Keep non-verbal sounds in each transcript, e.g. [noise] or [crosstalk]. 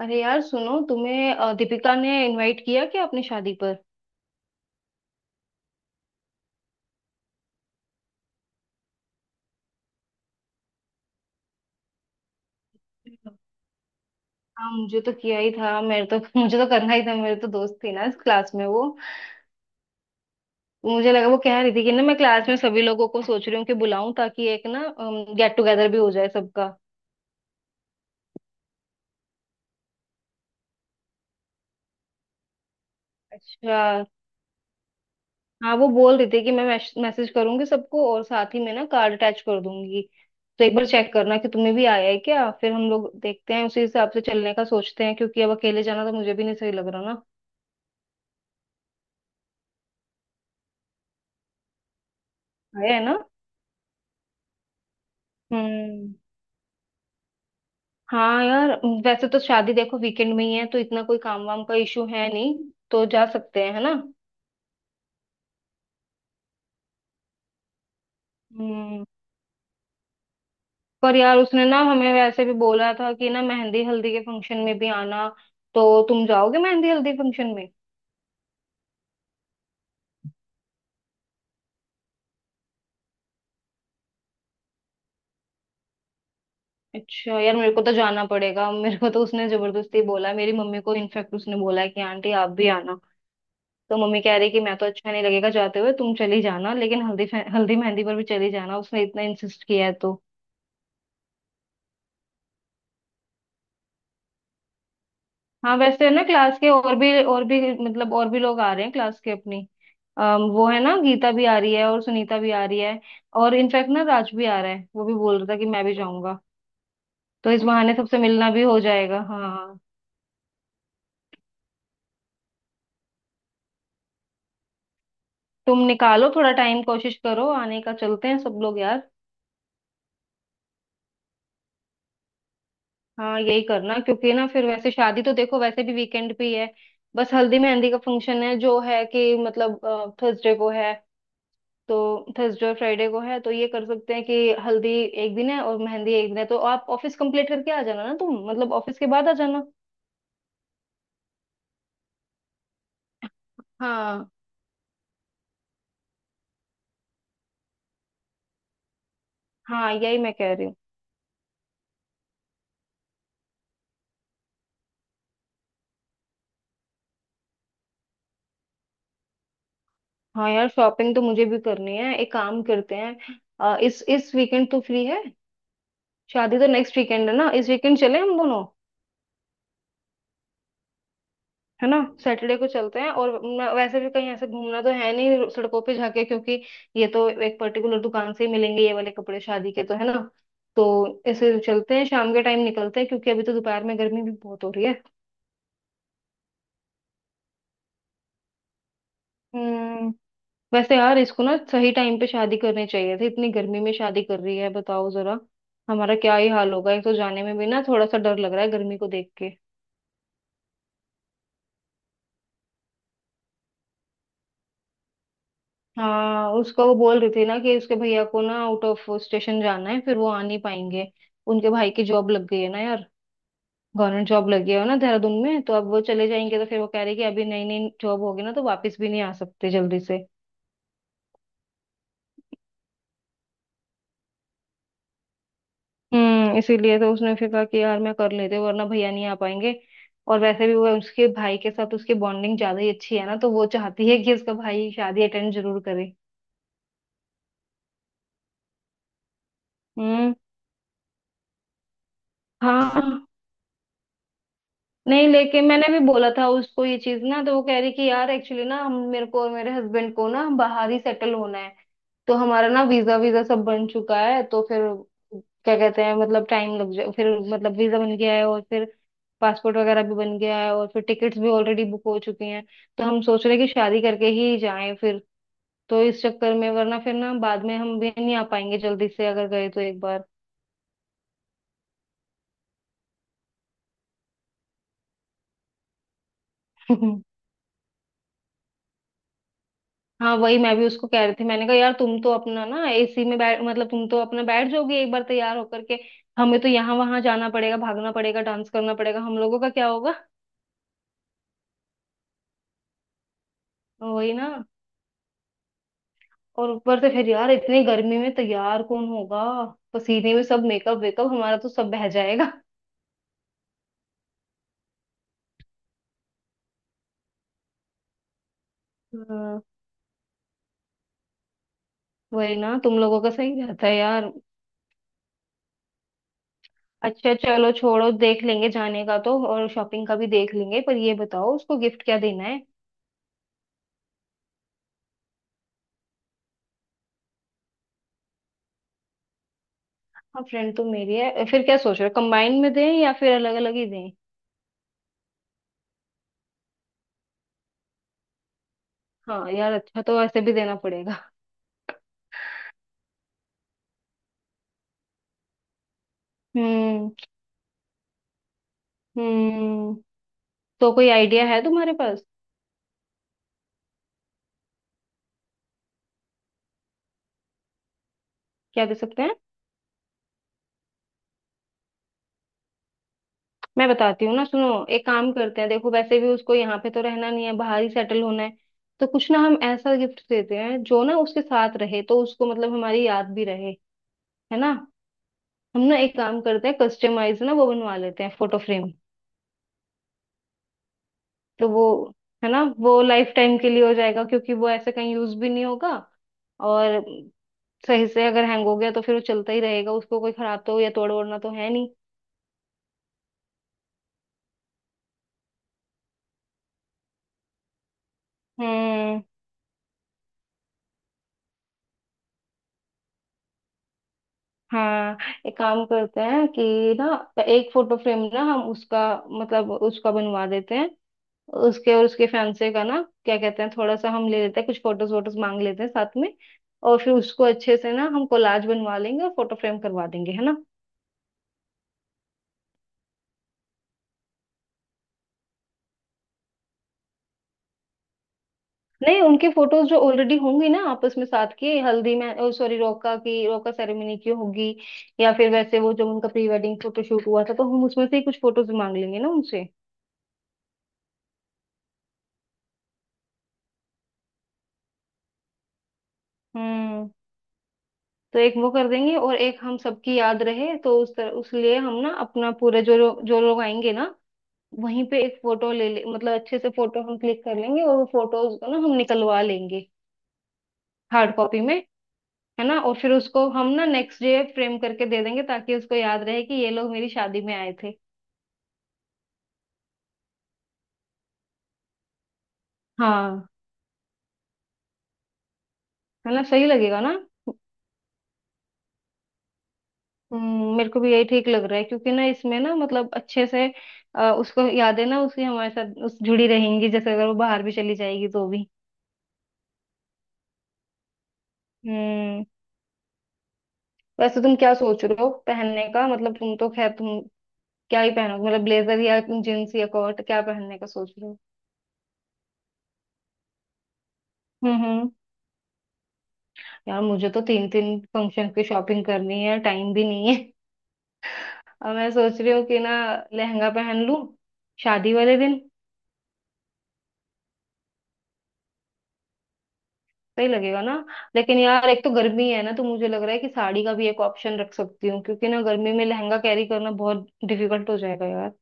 अरे यार सुनो, तुम्हें दीपिका ने इनवाइट किया क्या अपनी शादी पर। हाँ मुझे तो किया ही था, मेरे तो [laughs] मुझे तो करना ही था, मेरे तो दोस्त थी ना इस क्लास में वो। मुझे लगा वो कह रही थी कि ना मैं क्लास में सभी लोगों को सोच रही हूँ कि बुलाऊं, ताकि एक ना गेट टुगेदर भी हो जाए सबका। अच्छा। हाँ वो बोल रही थी कि मैं मैसेज करूंगी सबको और साथ ही में ना कार्ड अटैच कर दूंगी। तो एक बार चेक करना कि तुम्हें भी आया है क्या, फिर हम लोग देखते हैं उसी हिसाब से, चलने का सोचते हैं क्योंकि अब अकेले जाना तो मुझे भी नहीं सही लग रहा ना। आया है ना। हम्म। हाँ यार, वैसे तो शादी देखो वीकेंड में ही है तो इतना कोई काम वाम का इशू है नहीं, तो जा सकते हैं है ना। हम्म। पर यार उसने ना हमें वैसे भी बोला था कि ना मेहंदी हल्दी के फंक्शन में भी आना। तो तुम जाओगे मेहंदी हल्दी फंक्शन में? अच्छा यार, मेरे को तो जाना पड़ेगा, मेरे को तो उसने जबरदस्ती बोला, मेरी मम्मी को इनफेक्ट उसने बोला है कि आंटी आप भी आना। तो मम्मी कह रही कि मैं तो अच्छा नहीं लगेगा जाते हुए, तुम चली जाना, लेकिन हल्दी मेहंदी पर भी चली जाना, उसने इतना इंसिस्ट किया है तो। हाँ वैसे ना क्लास के और भी मतलब और भी लोग आ रहे हैं क्लास के अपनी। वो है ना गीता भी आ रही है और सुनीता भी आ रही है, और इनफैक्ट ना राज भी आ रहा है, वो भी बोल रहा था कि मैं भी जाऊंगा। तो इस बहाने सबसे मिलना भी हो जाएगा। हाँ, तुम निकालो थोड़ा टाइम, कोशिश करो आने का, चलते हैं सब लोग यार। हाँ यही करना, क्योंकि ना फिर वैसे शादी तो देखो वैसे भी वीकेंड पे ही है। बस हल्दी मेहंदी का फंक्शन है जो है कि, मतलब थर्सडे को है, तो थर्सडे और फ्राइडे को है, तो ये कर सकते हैं कि हल्दी एक दिन है और मेहंदी एक दिन है, तो आप ऑफिस कंप्लीट करके आ जाना ना तुम, मतलब ऑफिस के बाद आ जाना। हाँ। हाँ यही मैं कह रही हूँ। हाँ यार, शॉपिंग तो मुझे भी करनी है, एक काम करते हैं, इस वीकेंड तो फ्री है, शादी तो नेक्स्ट वीकेंड है ना, इस वीकेंड चले हम दोनों। है ना? सैटरडे को चलते हैं, और वैसे भी कहीं ऐसे घूमना तो है नहीं सड़कों पे जाके, क्योंकि ये तो एक पर्टिकुलर दुकान से ही मिलेंगे ये वाले कपड़े शादी के तो, है ना। तो ऐसे चलते हैं, शाम के टाइम निकलते हैं, क्योंकि अभी तो दोपहर में गर्मी भी बहुत हो रही है। हम्म। वैसे यार इसको ना सही टाइम पे शादी करनी चाहिए थी, इतनी गर्मी में शादी कर रही है बताओ जरा। हमारा क्या ही हाल होगा, एक तो जाने में भी ना थोड़ा सा डर लग रहा है गर्मी को देख के। हाँ उसको, वो बोल रही थी ना कि उसके भैया को ना आउट ऑफ स्टेशन जाना है, फिर वो आ नहीं पाएंगे। उनके भाई की जॉब लग गई है ना यार, गवर्नमेंट जॉब लगी है ना देहरादून में, तो अब वो चले जाएंगे, तो फिर वो कह रही कि अभी नई नई जॉब होगी ना तो वापस भी नहीं आ सकते जल्दी से। इसीलिए तो उसने फिर कहा कि यार मैं कर लेते, वरना भैया नहीं आ पाएंगे। और वैसे भी वो उसके भाई के साथ उसकी बॉन्डिंग ज्यादा ही अच्छी है ना, तो वो चाहती है कि उसका भाई शादी अटेंड जरूर करे। हम्म। हाँ। नहीं लेकिन मैंने भी बोला था उसको ये चीज ना, तो वो कह रही कि यार एक्चुअली ना हम, मेरे को और मेरे हस्बैंड को ना बाहर ही सेटल होना है। तो हमारा ना वीजा वीजा सब बन चुका है, तो फिर क्या कहते हैं, मतलब टाइम लग जाए फिर। मतलब वीजा बन गया है, और फिर पासपोर्ट वगैरह भी बन गया है, और फिर टिकट्स भी ऑलरेडी बुक हो चुकी हैं। तो हम सोच रहे हैं कि शादी करके ही जाएं फिर, तो इस चक्कर में, वरना फिर ना बाद में हम भी नहीं आ पाएंगे जल्दी से अगर गए तो एक बार। [laughs] हाँ वही मैं भी उसको कह रही थी, मैंने कहा यार तुम तो अपना ना एसी में बैठ, मतलब तुम तो अपना बैठ जाओगी एक बार तैयार होकर के, हमें तो यहाँ वहां जाना पड़ेगा, भागना पड़ेगा, डांस करना पड़ेगा, हम लोगों का क्या होगा। वही ना। और ऊपर से फिर यार इतनी गर्मी में तैयार कौन होगा, पसीने में सब मेकअप वेकअप हमारा तो सब बह जाएगा। हाँ। वही ना, तुम लोगों का सही रहता है यार। अच्छा चलो छोड़ो, देख लेंगे जाने का तो, और शॉपिंग का भी देख लेंगे, पर ये बताओ उसको गिफ्ट क्या देना। हाँ फ्रेंड तो मेरी है, फिर क्या सोच रहे हो, कंबाइन में दें या फिर अलग अलग ही दें। हाँ यार, अच्छा तो वैसे भी देना पड़ेगा। हम्म। हम्म। तो कोई आइडिया है तुम्हारे पास? क्या दे सकते हैं। मैं बताती हूँ ना सुनो, एक काम करते हैं, देखो वैसे भी उसको यहाँ पे तो रहना नहीं है, बाहर ही सेटल होना है। तो कुछ ना हम ऐसा गिफ्ट देते हैं जो ना उसके साथ रहे, तो उसको मतलब हमारी याद भी रहे। है ना? हम ना एक काम करते हैं, कस्टमाइज ना वो बनवा लेते हैं, फोटो फ्रेम। तो वो, है ना वो लाइफ टाइम के लिए हो जाएगा, क्योंकि वो ऐसे कहीं यूज भी नहीं होगा। और सही से अगर हैंग हो गया तो फिर वो चलता ही रहेगा, उसको कोई खराब तो या तोड़ ओड़ना तो है नहीं। हम्म। हाँ एक काम करते हैं कि ना एक फोटो फ्रेम ना हम उसका, मतलब उसका बनवा देते हैं, उसके और उसके फैंसे का ना, क्या कहते हैं, थोड़ा सा हम ले लेते हैं कुछ फोटोज वोटोज मांग लेते हैं साथ में, और फिर उसको अच्छे से ना हम कोलाज बनवा लेंगे और फोटो फ्रेम करवा देंगे, है ना। नहीं उनके फोटोज जो ऑलरेडी होंगी ना आपस में साथ के, हल्दी में, सॉरी रोका की, रोका सेरेमनी की होगी, या फिर वैसे वो जो उनका प्री वेडिंग फोटोशूट हुआ था, तो हम उसमें से ही कुछ फोटोज मांग लेंगे ना उनसे। हम्म। तो एक वो कर देंगे, और एक हम सबकी याद रहे तो, उस तरह उस लिए हम ना अपना पूरे, जो लोग आएंगे ना वहीं पे एक फोटो ले ले, मतलब अच्छे से फोटो हम क्लिक कर लेंगे, और वो फोटोज को ना हम निकलवा लेंगे हार्ड कॉपी में, है ना। और फिर उसको हम ना नेक्स्ट डे फ्रेम करके दे देंगे, ताकि उसको याद रहे कि ये लोग मेरी शादी में आए थे। हाँ मतलब सही लगेगा ना। मेरे को भी यही ठीक लग रहा है, क्योंकि ना इसमें ना मतलब अच्छे से उसको यादें ना, उसकी हमारे साथ उस जुड़ी रहेंगी जैसे, अगर वो बाहर भी चली जाएगी तो भी। हम्म। वैसे तुम क्या सोच रहे हो पहनने का, मतलब तुम तो खैर तुम क्या ही पहनोगे, मतलब ब्लेजर या जींस या कोट, क्या पहनने का सोच रहे हो। हम्म। यार मुझे तो तीन तीन फंक्शन की शॉपिंग करनी है, टाइम भी नहीं है। और मैं सोच रही हूँ कि ना लहंगा पहन लूं शादी वाले दिन, सही लगेगा ना। लेकिन यार एक तो गर्मी है ना, तो मुझे लग रहा है कि साड़ी का भी एक ऑप्शन रख सकती हूँ, क्योंकि ना गर्मी में लहंगा कैरी करना बहुत डिफिकल्ट हो जाएगा यार।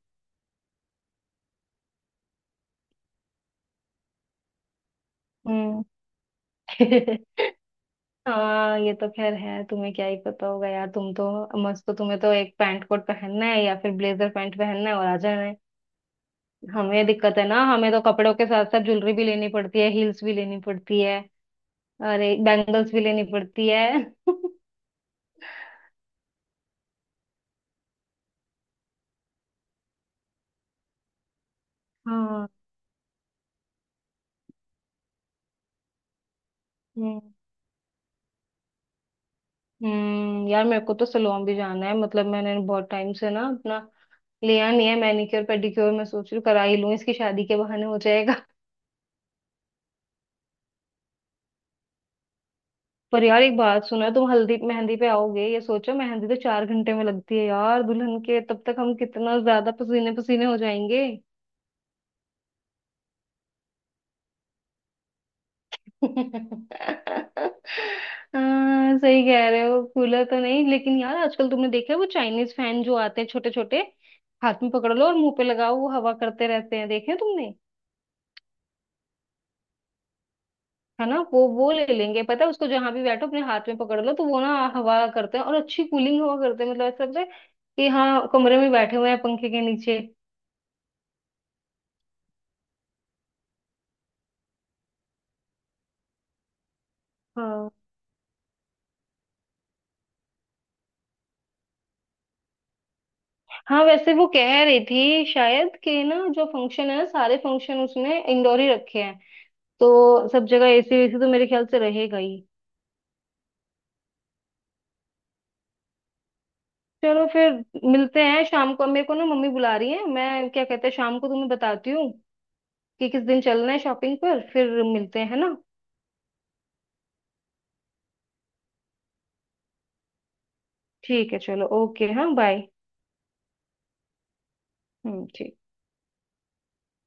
हम्म। [laughs] हाँ ये तो खैर है, तुम्हें क्या ही पता होगा यार, तुम तो मस्त हो, तुम्हें तो एक पैंट कोट पहनना है या फिर ब्लेजर पैंट पहनना है और आ जाना है। हमें दिक्कत है ना, हमें तो कपड़ों के साथ साथ ज्वेलरी भी लेनी पड़ती है, हील्स भी लेनी पड़ती है, अरे बैंगल्स भी लेनी पड़ती है। [laughs] हाँ। हम्म। यार मेरे को तो सलोन भी जाना है, मतलब मैंने बहुत टाइम से ना अपना लिया नहीं है मैनिक्योर पेडिक्योर, मैं सोच रही हूँ करा ही लूँ, इसकी शादी के बहाने हो जाएगा। [laughs] पर यार एक बात सुना, तुम हल्दी मेहंदी पे आओगे, ये सोचो मेहंदी तो चार घंटे में लगती है यार दुल्हन के, तब तक हम कितना ज्यादा पसीने पसीने हो जाएंगे। [laughs] हाँ सही कह रहे हो, कूलर तो नहीं, लेकिन यार आजकल तुमने देखा है वो चाइनीज फैन जो आते हैं छोटे छोटे, हाथ में पकड़ लो और मुंह पे लगाओ, वो हवा करते रहते हैं, देखे हैं तुमने। है ना, वो ले लेंगे, पता है उसको जहां भी बैठो अपने हाथ में पकड़ लो तो वो ना हवा करते हैं और अच्छी कूलिंग हवा करते हैं, मतलब ऐसा लगता है कि हाँ कमरे में बैठे हुए हैं पंखे के नीचे। हाँ। हाँ वैसे वो कह रही थी शायद कि ना जो फंक्शन है ना सारे फंक्शन उसने इंडोर ही रखे हैं, तो सब जगह एसी वेसी तो मेरे ख्याल से रहेगा ही। चलो फिर मिलते हैं शाम को, मेरे को ना मम्मी बुला रही है, मैं क्या कहते हैं शाम को तुम्हें बताती हूँ कि किस दिन चलना है शॉपिंग पर, फिर मिलते हैं, है ना। ठीक है चलो, ओके, हाँ बाय। ठीक।